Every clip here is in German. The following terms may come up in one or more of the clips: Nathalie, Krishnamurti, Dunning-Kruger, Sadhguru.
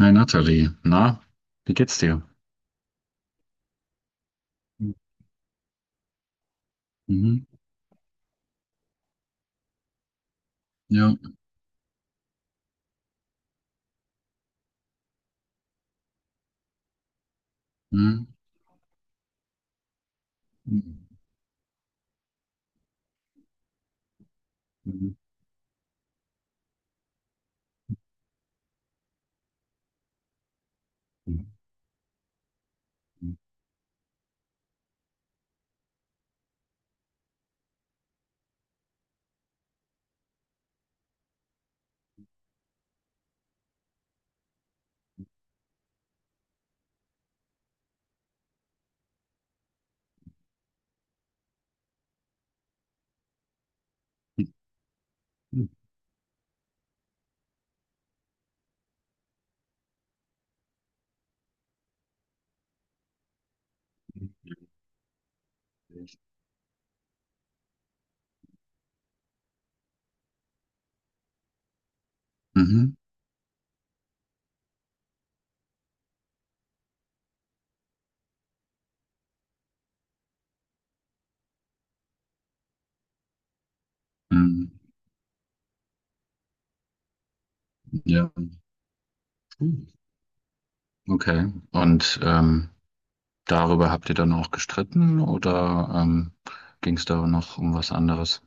Hi Nathalie, na, wie geht's dir? Mhm. Ja. Mhm. Mhm. Mhm. Mhm. Ja. Okay. Darüber habt ihr dann auch gestritten oder ging es da noch um was anderes?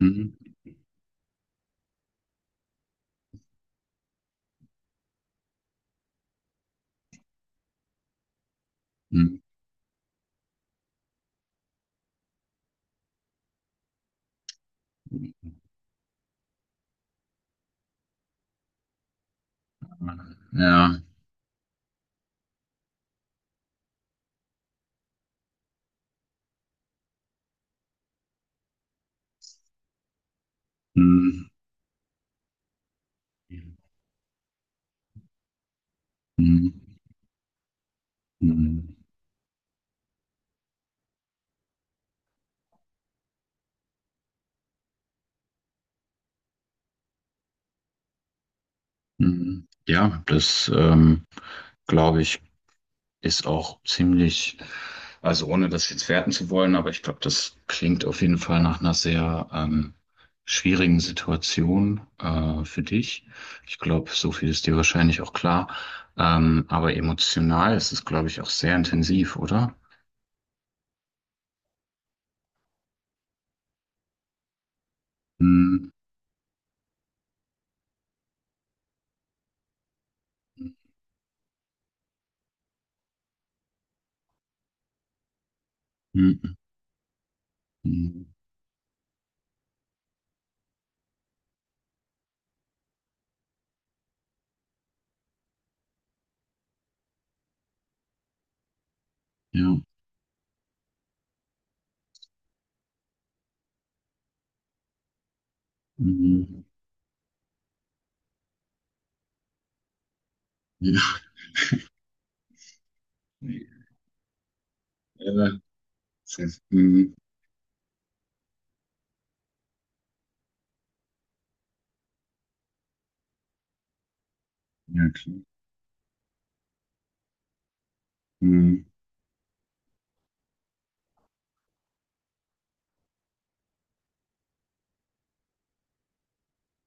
Mhm. Mhm. Ja. Mhm. Mhm. Mhm. Mhm. Ja, das, glaube ich, ist auch ziemlich. Also ohne das jetzt werten zu wollen, aber ich glaube, das klingt auf jeden Fall nach einer sehr schwierigen Situation für dich. Ich glaube, so viel ist dir wahrscheinlich auch klar. Aber emotional ist es, glaube ich, auch sehr intensiv, oder? Hm. Hm. Hm. Ja. Hm. Ja. Ja, das ist- hm. Ja, klar. Hm.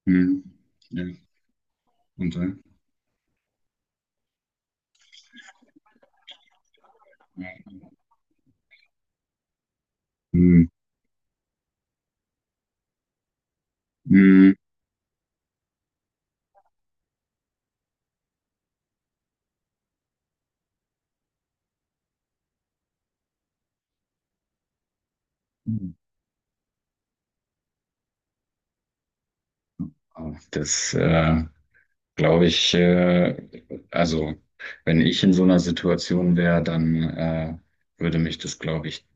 Hm. Ja. Und dann? Hm. Hm. Ah, Das, äh, glaube ich, äh, also wenn ich in so einer Situation wäre, dann würde mich das, glaube ich,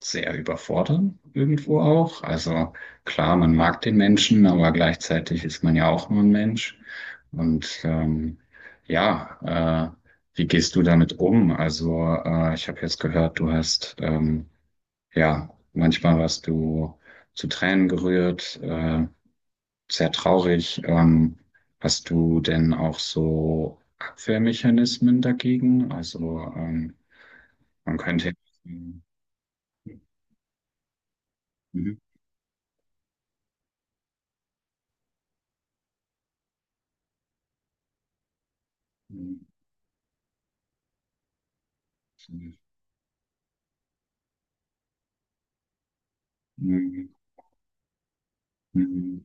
sehr überfordern, irgendwo auch. Also klar, man mag den Menschen, aber gleichzeitig ist man ja auch nur ein Mensch. Und ja, äh, wie gehst du damit um? Ich habe jetzt gehört, du hast ja manchmal warst du zu Tränen gerührt. Sehr traurig. Hast du denn auch so Abwehrmechanismen dagegen? Man könnte. Mhm. Mhm. Mhm. Mhm.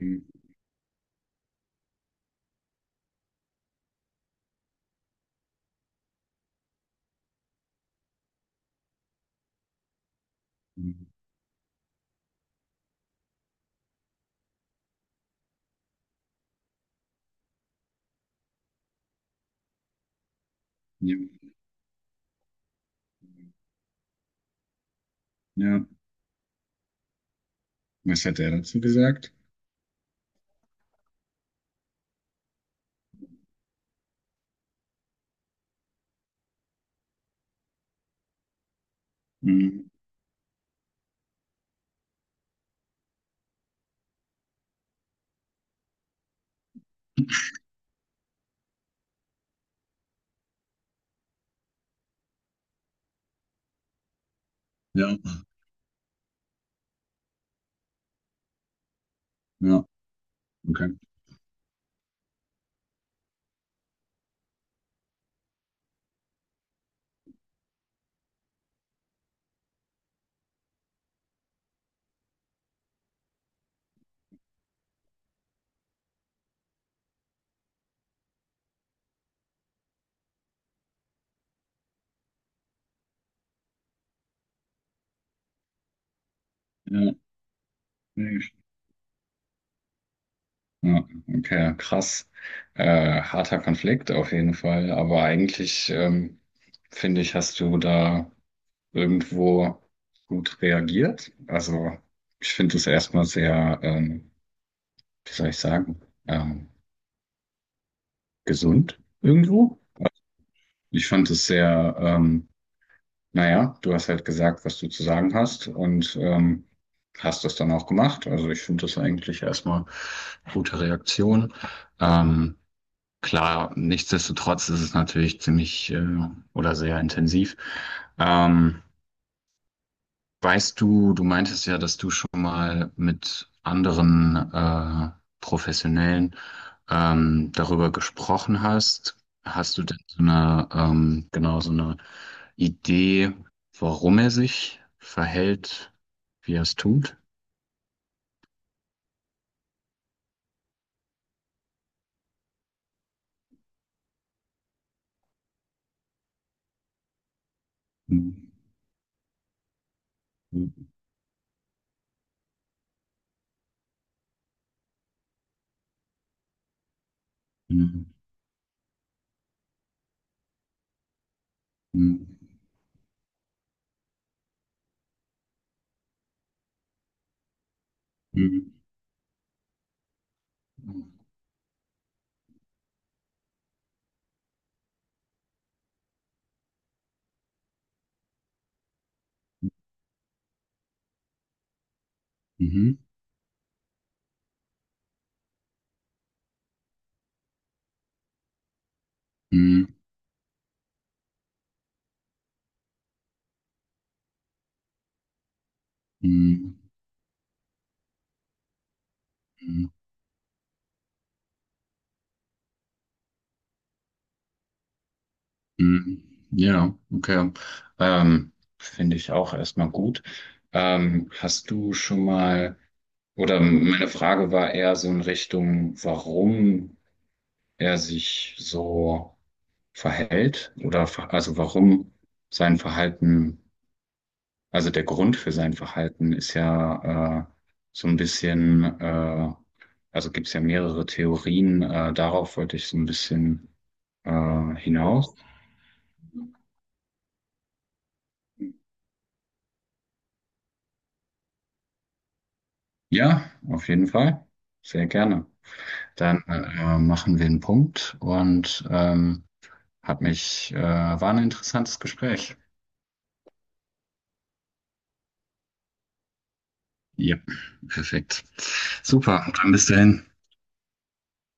Mhm. Mhm. Ja, ja. Was hat er dazu gesagt? Mhm. Ja, ja, okay. Ja, nee. Ja, okay, krass. Harter Konflikt auf jeden Fall, aber eigentlich finde ich, hast du da irgendwo gut reagiert. Also ich finde es erstmal sehr, wie soll ich sagen, ähm, gesund irgendwo. Ich fand es sehr, naja, du hast halt gesagt, was du zu sagen hast und hast das dann auch gemacht. Also ich finde das eigentlich erstmal gute Reaktion. Ähm, klar, nichtsdestotrotz ist es natürlich ziemlich, oder sehr intensiv. Ähm, Weißt du, du meintest ja, dass du schon mal mit anderen Professionellen darüber gesprochen hast. Hast du denn so eine, genau so eine Idee, warum er sich verhält, wie er es tut? Mhm. Mhm. Mhm. Mhm. Mhm. Mhm. Mhm. Ja, okay. Ähm, Finde ich auch erstmal gut. Hast du schon mal Oder meine Frage war eher so in Richtung, warum er sich so verhält oder, also warum sein Verhalten, also der Grund für sein Verhalten ist ja so ein bisschen, also gibt's ja mehrere Theorien, darauf wollte ich so ein bisschen hinaus. Ja, auf jeden Fall, sehr gerne. Dann machen wir einen Punkt, und hat mich, war ein interessantes Gespräch. Ja, perfekt. Super, dann bis dahin.